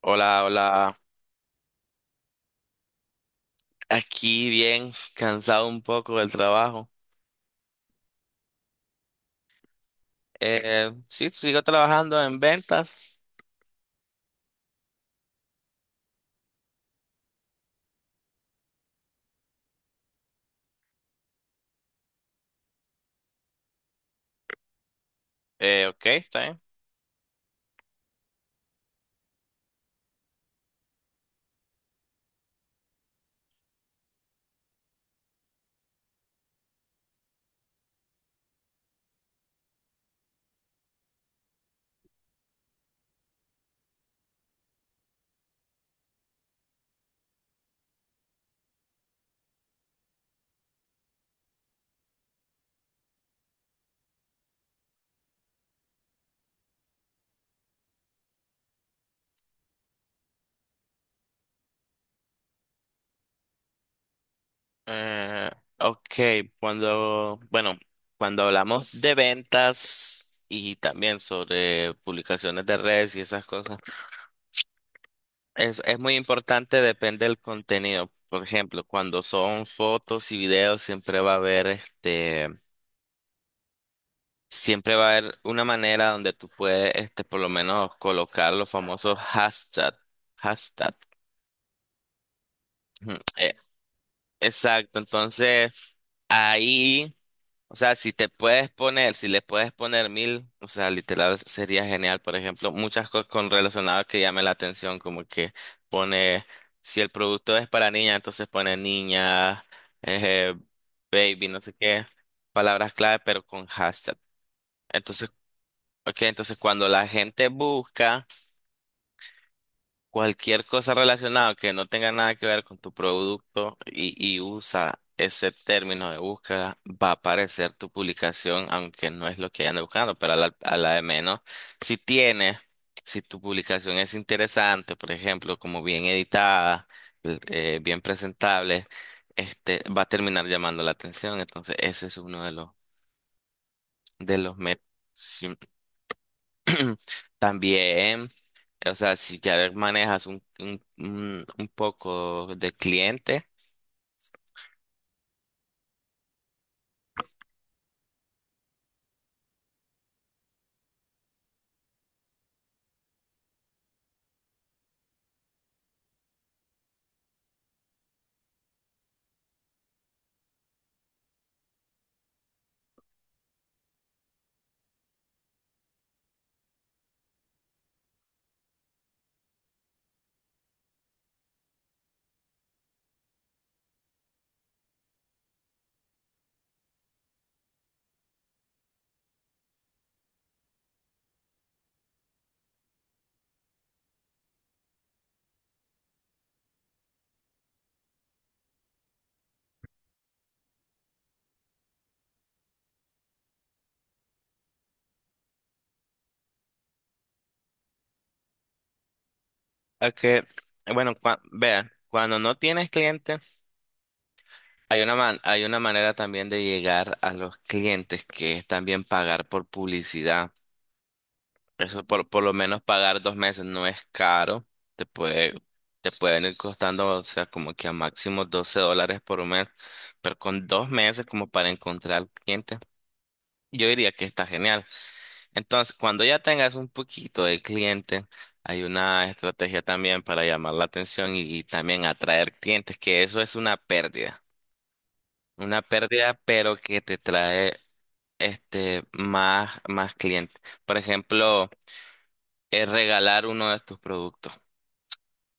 Hola, hola. Aquí bien, cansado un poco del trabajo. Sí, sigo trabajando en ventas. Ok, está bien. Eh, ok, cuando, bueno, cuando hablamos de ventas y también sobre publicaciones de redes y esas cosas, es muy importante, depende del contenido. Por ejemplo, cuando son fotos y videos, siempre va a haber Siempre va a haber una manera donde tú puedes, este, por lo menos colocar los famosos hashtag. Ujú, exacto, entonces ahí, o sea, si te puedes poner, si le puedes poner mil, o sea, literal sería genial. Por ejemplo, muchas cosas con relacionadas que llamen la atención, como que pone, si el producto es para niña, entonces pone niña, eh, baby, no sé qué, palabras clave, pero con hashtag. Entonces ok, entonces cuando la gente busca cualquier cosa relacionada que no tenga nada que ver con tu producto y usa ese término de búsqueda, va a aparecer tu publicación, aunque no es lo que anda buscando, pero a la de menos. Si tienes, si tu publicación es interesante, por ejemplo, como bien editada, bien presentable, este, va a terminar llamando la atención. Entonces, ese es uno de de los métodos. También, o sea, si ya manejas un poco de cliente, a que, bueno, cua- vea, cuando no tienes cliente, hay hay una manera también de llegar a los clientes, que es también pagar por publicidad. Eso por lo menos pagar dos meses no es caro, te puede, te pueden ir costando, o sea, como que a máximo 12 dólares por mes, pero con dos meses como para encontrar clientes. Yo diría que está genial. Entonces, cuando ya tengas un poquito de cliente, hay una estrategia también para llamar la atención y también atraer clientes, que eso es una pérdida. Una pérdida, pero que te trae este más clientes. Por ejemplo, es regalar uno de tus productos.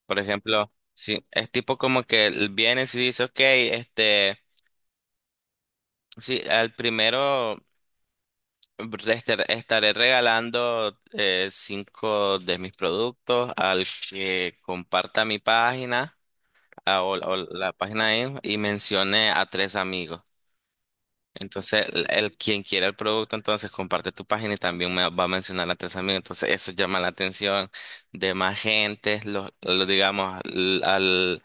Por ejemplo, sí, es tipo como que vienes y dices, ok, este, sí, al primero. Te Estaré regalando cinco de mis productos al que comparta mi página ah, o la y mencione a tres amigos. Entonces, quien quiera el producto, entonces comparte tu página y también me va a mencionar a tres amigos. Entonces, eso llama la atención de más gente, los, digamos,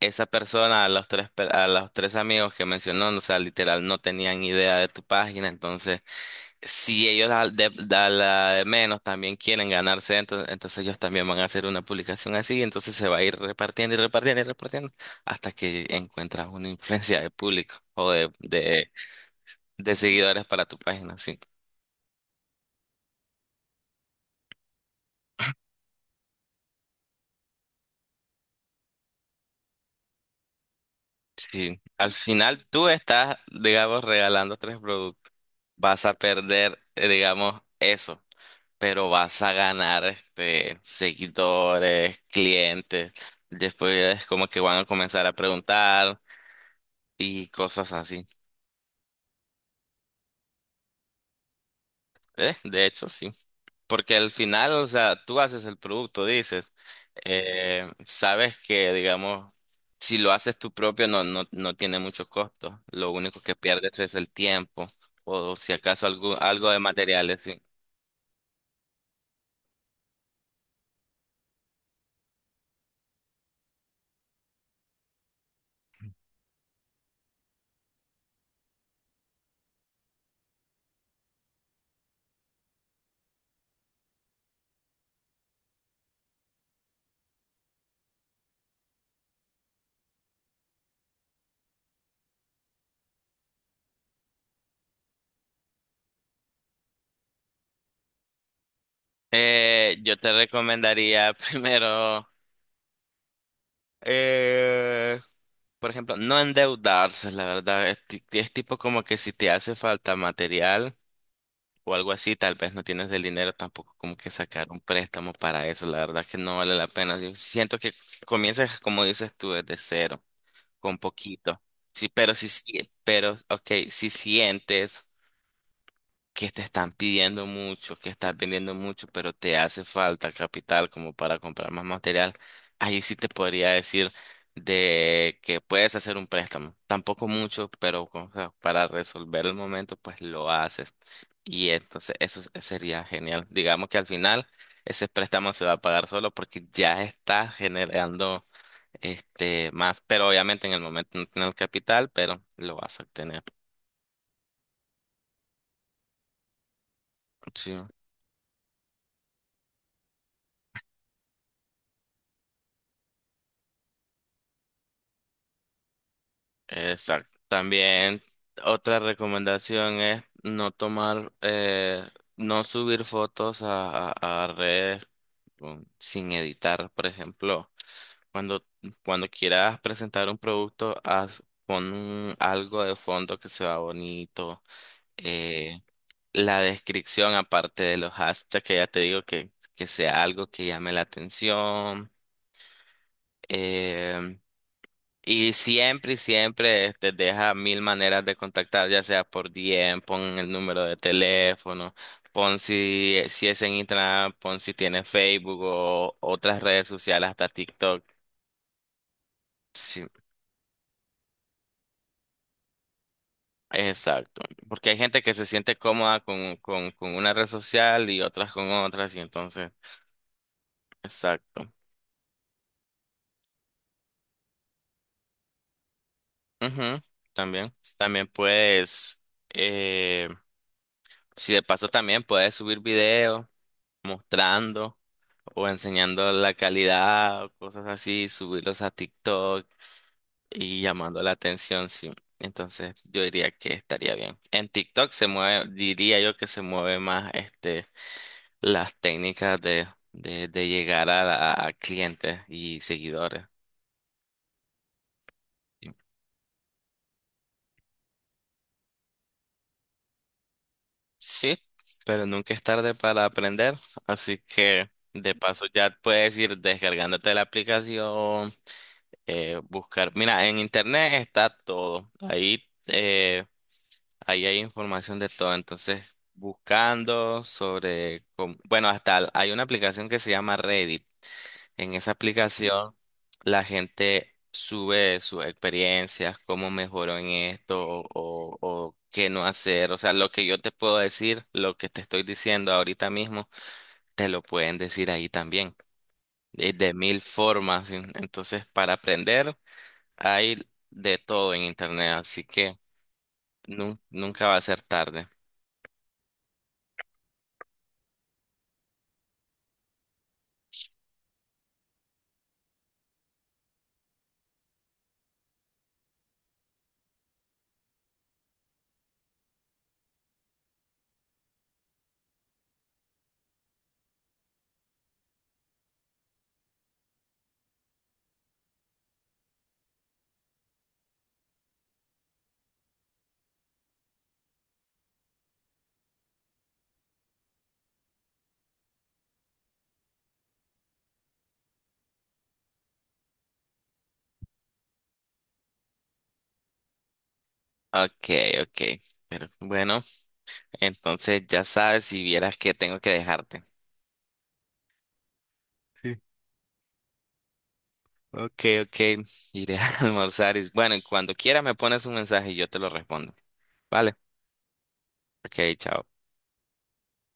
esa persona, a los a los tres amigos que mencionó, o sea, literal, no tenían idea de tu página, entonces si ellos al de, da la de menos también quieren ganarse, entonces ellos también van a hacer una publicación así, entonces se va a ir repartiendo y repartiendo y repartiendo hasta que encuentras una influencia de público o de seguidores para tu página. Sí, sí. Al final tú estás, digamos, regalando tres productos. Vas a perder, digamos, eso, pero vas a ganar este, seguidores, clientes. Después es como que van a comenzar a preguntar y cosas así. De hecho, sí. Porque al final, o sea, tú haces el producto, dices, sabes que, digamos, si lo haces tú propio, no tiene mucho costo. Lo único que pierdes es el tiempo o si acaso algo, algo de materiales, sí. Yo te recomendaría primero, eh, por ejemplo, no endeudarse, la verdad. Es tipo como que si te hace falta material o algo así, tal vez no tienes el dinero tampoco como que sacar un préstamo para eso, la verdad que no vale la pena. Yo siento que comienzas, como dices tú, desde cero, con poquito. Sí, pero, ok, si sientes que te están pidiendo mucho, que estás vendiendo mucho, pero te hace falta capital como para comprar más material, ahí sí te podría decir de que puedes hacer un préstamo. Tampoco mucho, pero o sea, para resolver el momento, pues lo haces. Y entonces sería genial. Digamos que al final ese préstamo se va a pagar solo porque ya está generando este más, pero obviamente en el momento no tiene el capital, pero lo vas a obtener. Sí, exacto. También otra recomendación es no tomar, no subir fotos a redes sin editar, por ejemplo. Cuando, Cuando quieras presentar un producto, pon algo de fondo que se vea bonito. eh, la descripción, aparte de los hashtags, que ya te digo que sea algo que llame la atención. em, y siempre, y siempre te deja mil maneras de contactar, ya sea por DM, pon el número de teléfono, pon si, si es en Instagram, pon si tiene Facebook o otras redes sociales, hasta TikTok. Sí, exacto, porque hay gente que se siente cómoda con una red social y otras con otras, y entonces, exacto. Ujú, también, también puedes, eh, si de paso también puedes subir videos mostrando o enseñando la calidad o cosas así, subirlos a TikTok y llamando la atención, sí. Entonces, yo diría que estaría bien. En TikTok se mueve, diría yo que se mueve más este las técnicas de llegar a clientes y seguidores. Sí, pero nunca es tarde para aprender, así que de paso ya puedes ir descargándote la aplicación, buscar. Mira, en internet está todo, ahí, ahí hay información de todo, entonces buscando sobre bueno, hasta hay una aplicación que se llama Reddit. En esa aplicación la gente sube sus experiencias, cómo mejoró en esto o qué no hacer. O sea, lo que yo te puedo decir, lo que te estoy diciendo ahorita mismo, te lo pueden decir ahí también, de mil formas. Entonces, para aprender hay de todo en internet, así que nunca va a ser tarde. Ok, ok. Pero bueno, entonces ya sabes, si vieras que tengo que dejarte. Ok, ok, iré a almorzar. Y, bueno, y cuando quiera me pones un mensaje y yo te lo respondo. Vale, ok, chao.